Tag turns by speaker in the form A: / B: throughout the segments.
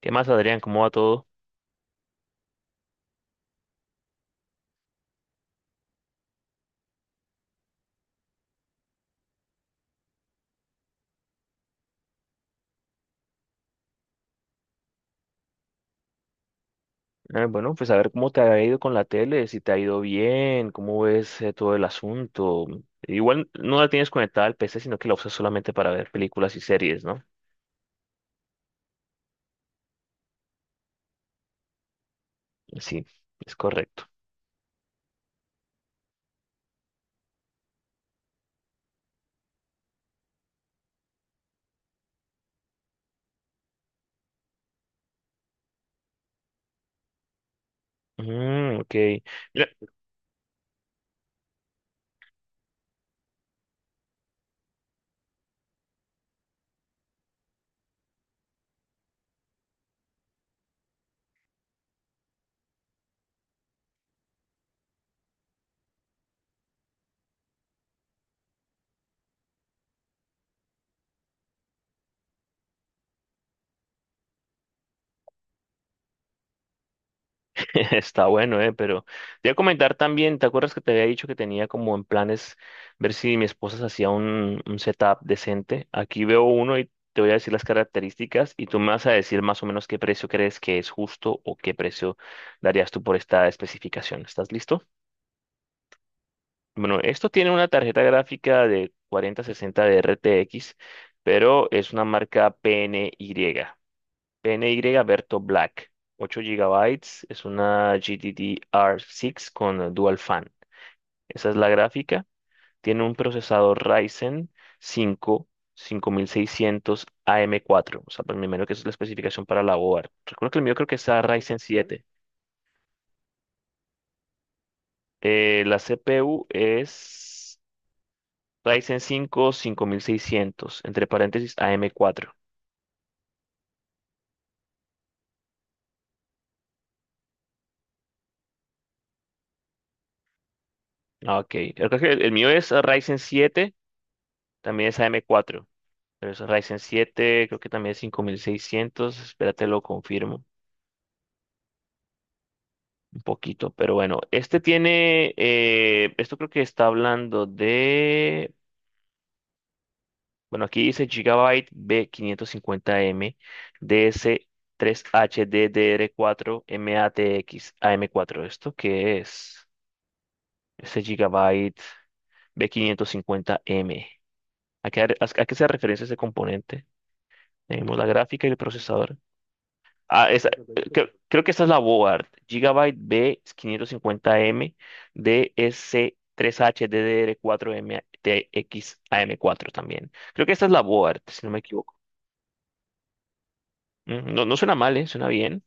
A: ¿Qué más, Adrián? ¿Cómo va todo? Bueno, pues a ver cómo te ha ido con la tele, si te ha ido bien, cómo ves todo el asunto. Igual no la tienes conectada al PC, sino que la usas solamente para ver películas y series, ¿no? Sí, es correcto. Mm, ok. Mira, está bueno, ¿eh? Pero te voy a comentar también, ¿te acuerdas que te había dicho que tenía como en planes ver si mi esposa se hacía un setup decente? Aquí veo uno y te voy a decir las características y tú me vas a decir más o menos qué precio crees que es justo o qué precio darías tú por esta especificación. ¿Estás listo? Bueno, esto tiene una tarjeta gráfica de 4060 de RTX, pero es una marca PNY. PNY Berto Black, 8 gigabytes, es una GDDR6 con Dual Fan. Esa es la gráfica. Tiene un procesador Ryzen 5 5600 am cuatro. O sea, pues me imagino que esa es la especificación para la board. Recuerdo que el mío creo que es a Ryzen 7. La CPU es Ryzen cinco cinco mil seiscientos entre paréntesis am cuatro. Ah, ok, creo que el mío es Ryzen 7, también es am cuatro. Pero es un Ryzen siete, creo que también es cinco mil seiscientos. Espérate, lo confirmo un poquito, pero bueno, este tiene, esto creo que está hablando de, bueno, aquí dice Gigabyte b quinientos cincuenta m D S tres H ds DS3HDDR4 MATX A M cuatro. ¿Esto qué es? Ese Gigabyte b quinientos cincuenta M. ¿A qué se referencia ese componente? Tenemos la gráfica y el procesador. Ah, esa- creo que esta es la board. Gigabyte B550M d DSC3HDDR4MTX mtx m 4 también. Creo que esta es la board, si no me equivoco. No, no suena mal, ¿eh? Suena bien.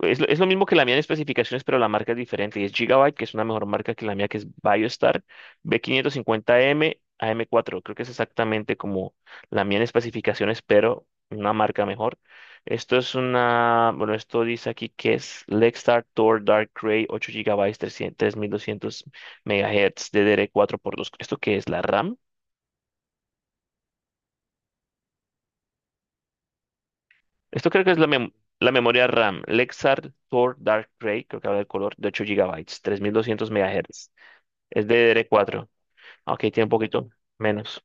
A: Es lo mismo que la mía en especificaciones, pero la marca es diferente. Y es Gigabyte, que es una mejor marca que la mía, que es BioStar, b quinientos cincuenta m A m cuatro. Creo que es exactamente como la mía en especificaciones, pero una marca mejor. Esto es una, bueno, esto dice aquí que es Lextar Tor Dark Gray ocho gigabytes 300 3200 MHz, ddr cuatro por dos. ¿Esto qué es? ¿La RAM? Esto creo que es la memoria RAM. Lexar Tor Dark Gray, creo que habla del color, de ocho gigabytes 3200 MHz. Es de DDR4. Ok, tiene un poquito menos.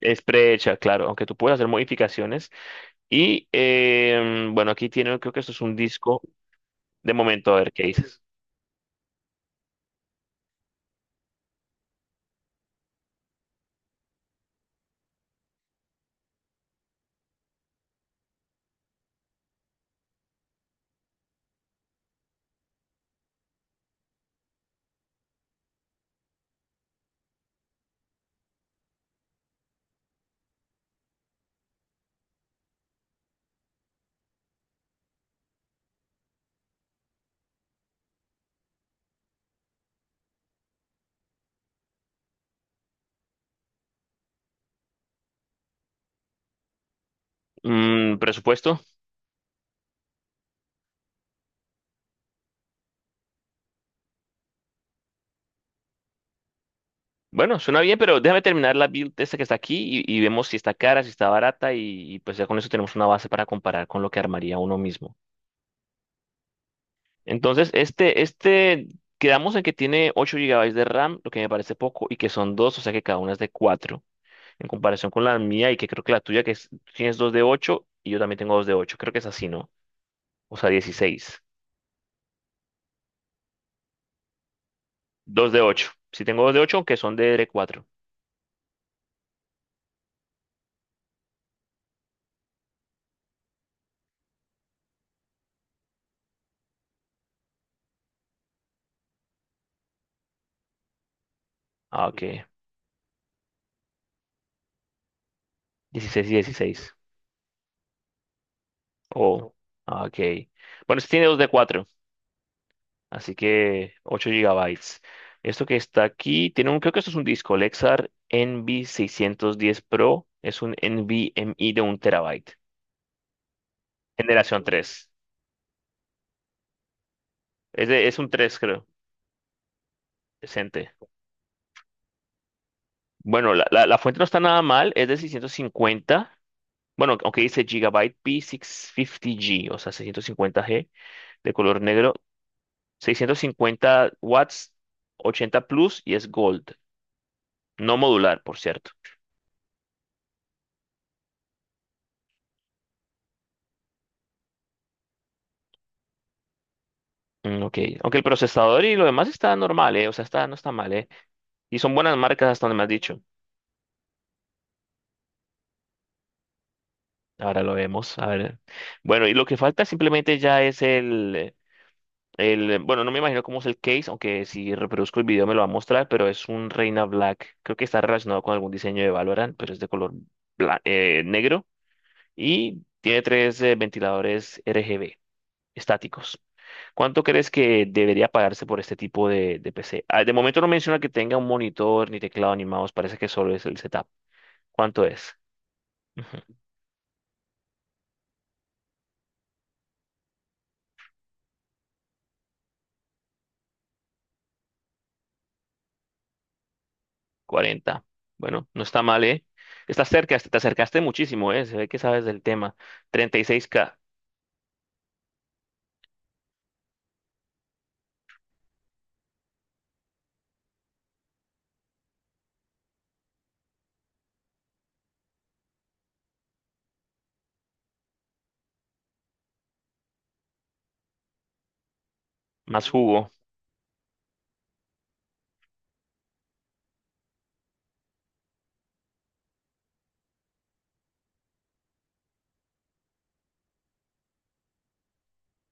A: Es prehecha, claro, aunque tú puedes hacer modificaciones. Y bueno, aquí tiene, creo que esto es un disco, de momento, a ver qué dices. Presupuesto. Bueno, suena bien, pero déjame terminar la build esta que está aquí y, vemos si está cara, si está barata y, pues ya con eso tenemos una base para comparar con lo que armaría uno mismo. Entonces, quedamos en que tiene 8 gigabytes de RAM, lo que me parece poco, y que son dos, o sea que cada una es de 4 en comparación con la mía, y que creo que la tuya que es, tú tienes dos de ocho y yo también tengo 2 de ocho, creo que es así, ¿no? O sea, dieciséis, dos de ocho. Si tengo dos de ocho, aunque son de cuatro. Ah, ok. Dieciséis y dieciséis. Oh, no. Ah, ok. Bueno, este tiene 2 de cuatro, así que 8 gigabytes. Esto que está aquí tiene un, creo que esto es un disco, Lexar NV610 Pro, es un NVMe de un terabyte. Generación tres. Es un tres, creo. Decente. Bueno, la fuente no está nada mal, es de seiscientos cincuenta. Bueno, aunque dice Gigabyte P650G, o sea, 650 g, de color negro, seiscientos cincuenta watts, 80 plus y es gold, no modular, por cierto. Mm, ok, aunque el procesador y lo demás está normal, ¿eh? O sea, está, no está mal, ¿eh? Y son buenas marcas hasta donde me has dicho. Ahora lo vemos, a ver. Bueno, y lo que falta simplemente ya es bueno, no me imagino cómo es el case, aunque si reproduzco el video me lo va a mostrar, pero es un Reina Black. Creo que está relacionado con algún diseño de Valorant, pero es de color negro, y tiene tres ventiladores RGB estáticos. ¿Cuánto crees que debería pagarse por este tipo de PC? Ah, de momento no menciona que tenga un monitor, ni teclado, ni mouse, parece que solo es el setup. ¿Cuánto es? Ujú, 40. Bueno, no está mal, ¿eh? Estás cerca, te acercaste muchísimo, ¿eh? Se ve que sabes del tema. 36K. Más jugo.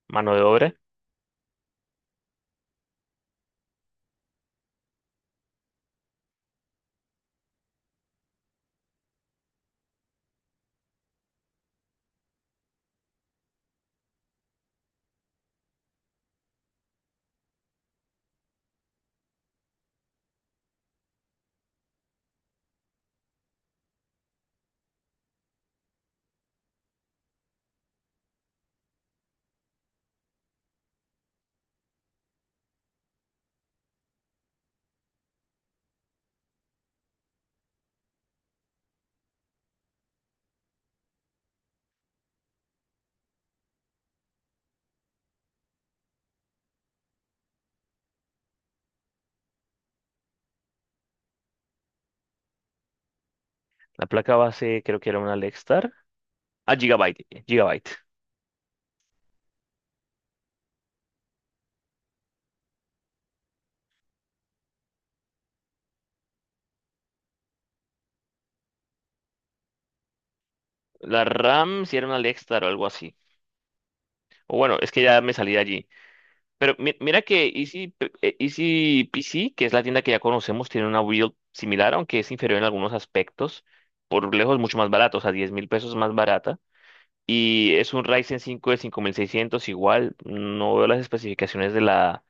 A: Mano de obra. La placa base creo que era una Lextar. Ah, Gigabyte. Gigabyte. La RAM, si era una Lextar o algo así. O bueno, es que ya me salí de allí. Pero mira que Easy PC, que es la tienda que ya conocemos, tiene una build similar, aunque es inferior en algunos aspectos. Por lejos mucho más barata, o sea, 10.000 pesos más barata. Y es un Ryzen 5 de 5600 igual. No veo las especificaciones de la,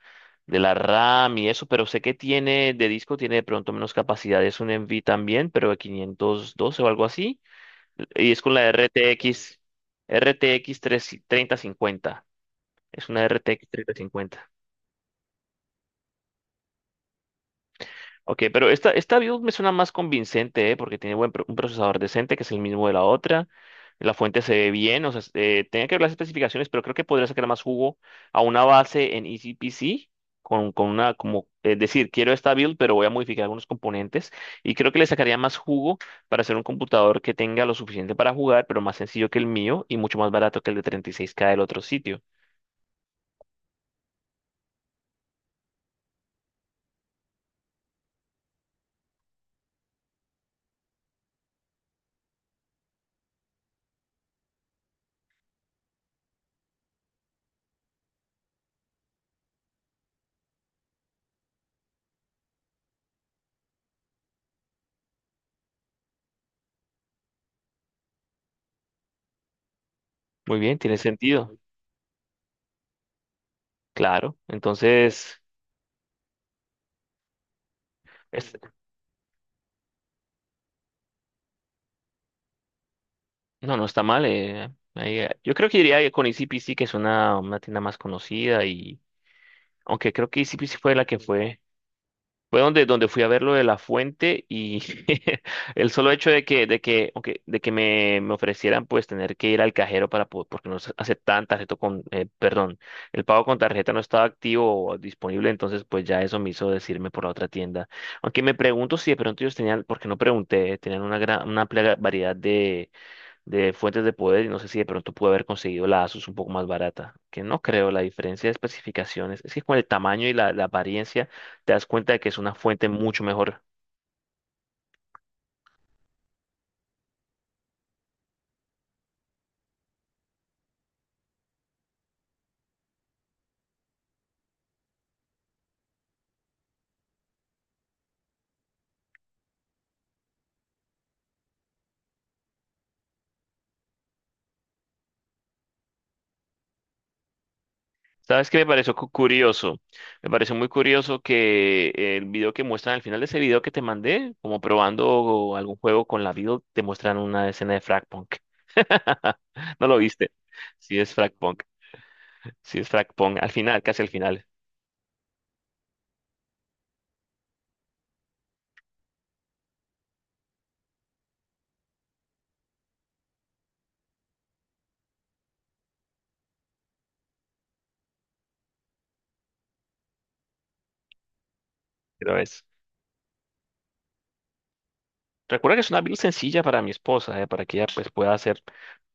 A: de la RAM y eso, pero sé que tiene de disco, tiene de pronto menos capacidad. Es un NV también, pero de 512 o algo así. Y es con la RTX, RTX 3 3050. Es una RTX 3050. Ok, pero esta build me suena más convincente, ¿eh? Porque tiene un procesador decente, que es el mismo de la otra. La fuente se ve bien, o sea, tenía que ver las especificaciones, pero creo que podría sacar más jugo a una base en ECPC, con una, como, es decir, quiero esta build, pero voy a modificar algunos componentes, y creo que le sacaría más jugo para hacer un computador que tenga lo suficiente para jugar, pero más sencillo que el mío y mucho más barato que el de 36K del otro sitio. Muy bien, tiene sentido, claro. Entonces... No, no está mal. Ahí, yo creo que iría con ECPC, que es una tienda más conocida, y aunque creo que ECPC fue la que fue, fue donde fui a ver lo de la fuente y el solo hecho de que, de que me ofrecieran pues tener que ir al cajero para porque no se aceptaban tarjeta con, perdón, el pago con tarjeta no estaba activo o disponible, entonces pues ya eso me hizo decirme por la otra tienda. Aunque me pregunto si de pronto ellos tenían, porque no pregunté, tenían una amplia variedad de fuentes de poder, y no sé si de pronto pude haber conseguido la Asus un poco más barata, que no creo, la diferencia de especificaciones, es que con el tamaño y la apariencia te das cuenta de que es una fuente mucho mejor. ¿Sabes qué me pareció curioso? Me pareció muy curioso que el video que muestran al final de ese video que te mandé, como probando algún juego con la Build, te muestran una escena de Fragpunk. ¿No lo viste? Sí es Fragpunk, sí es Fragpunk, al final, casi al final, pero es... Recuerda que es una build sencilla para mi esposa, para que ella pues pueda hacer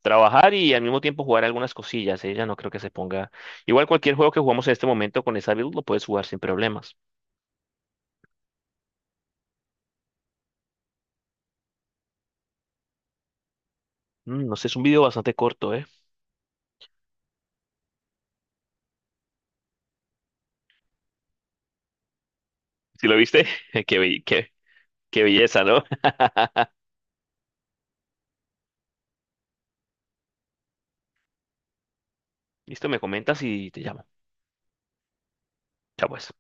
A: trabajar y al mismo tiempo jugar algunas cosillas. Ella no creo que se ponga. Igual cualquier juego que jugamos en este momento con esa build lo puedes jugar sin problemas. No sé, es un video bastante corto, ¿eh? Si lo viste, qué, be- qué, qué belleza, ¿no? Listo, me comentas y te llamo. Chao, pues.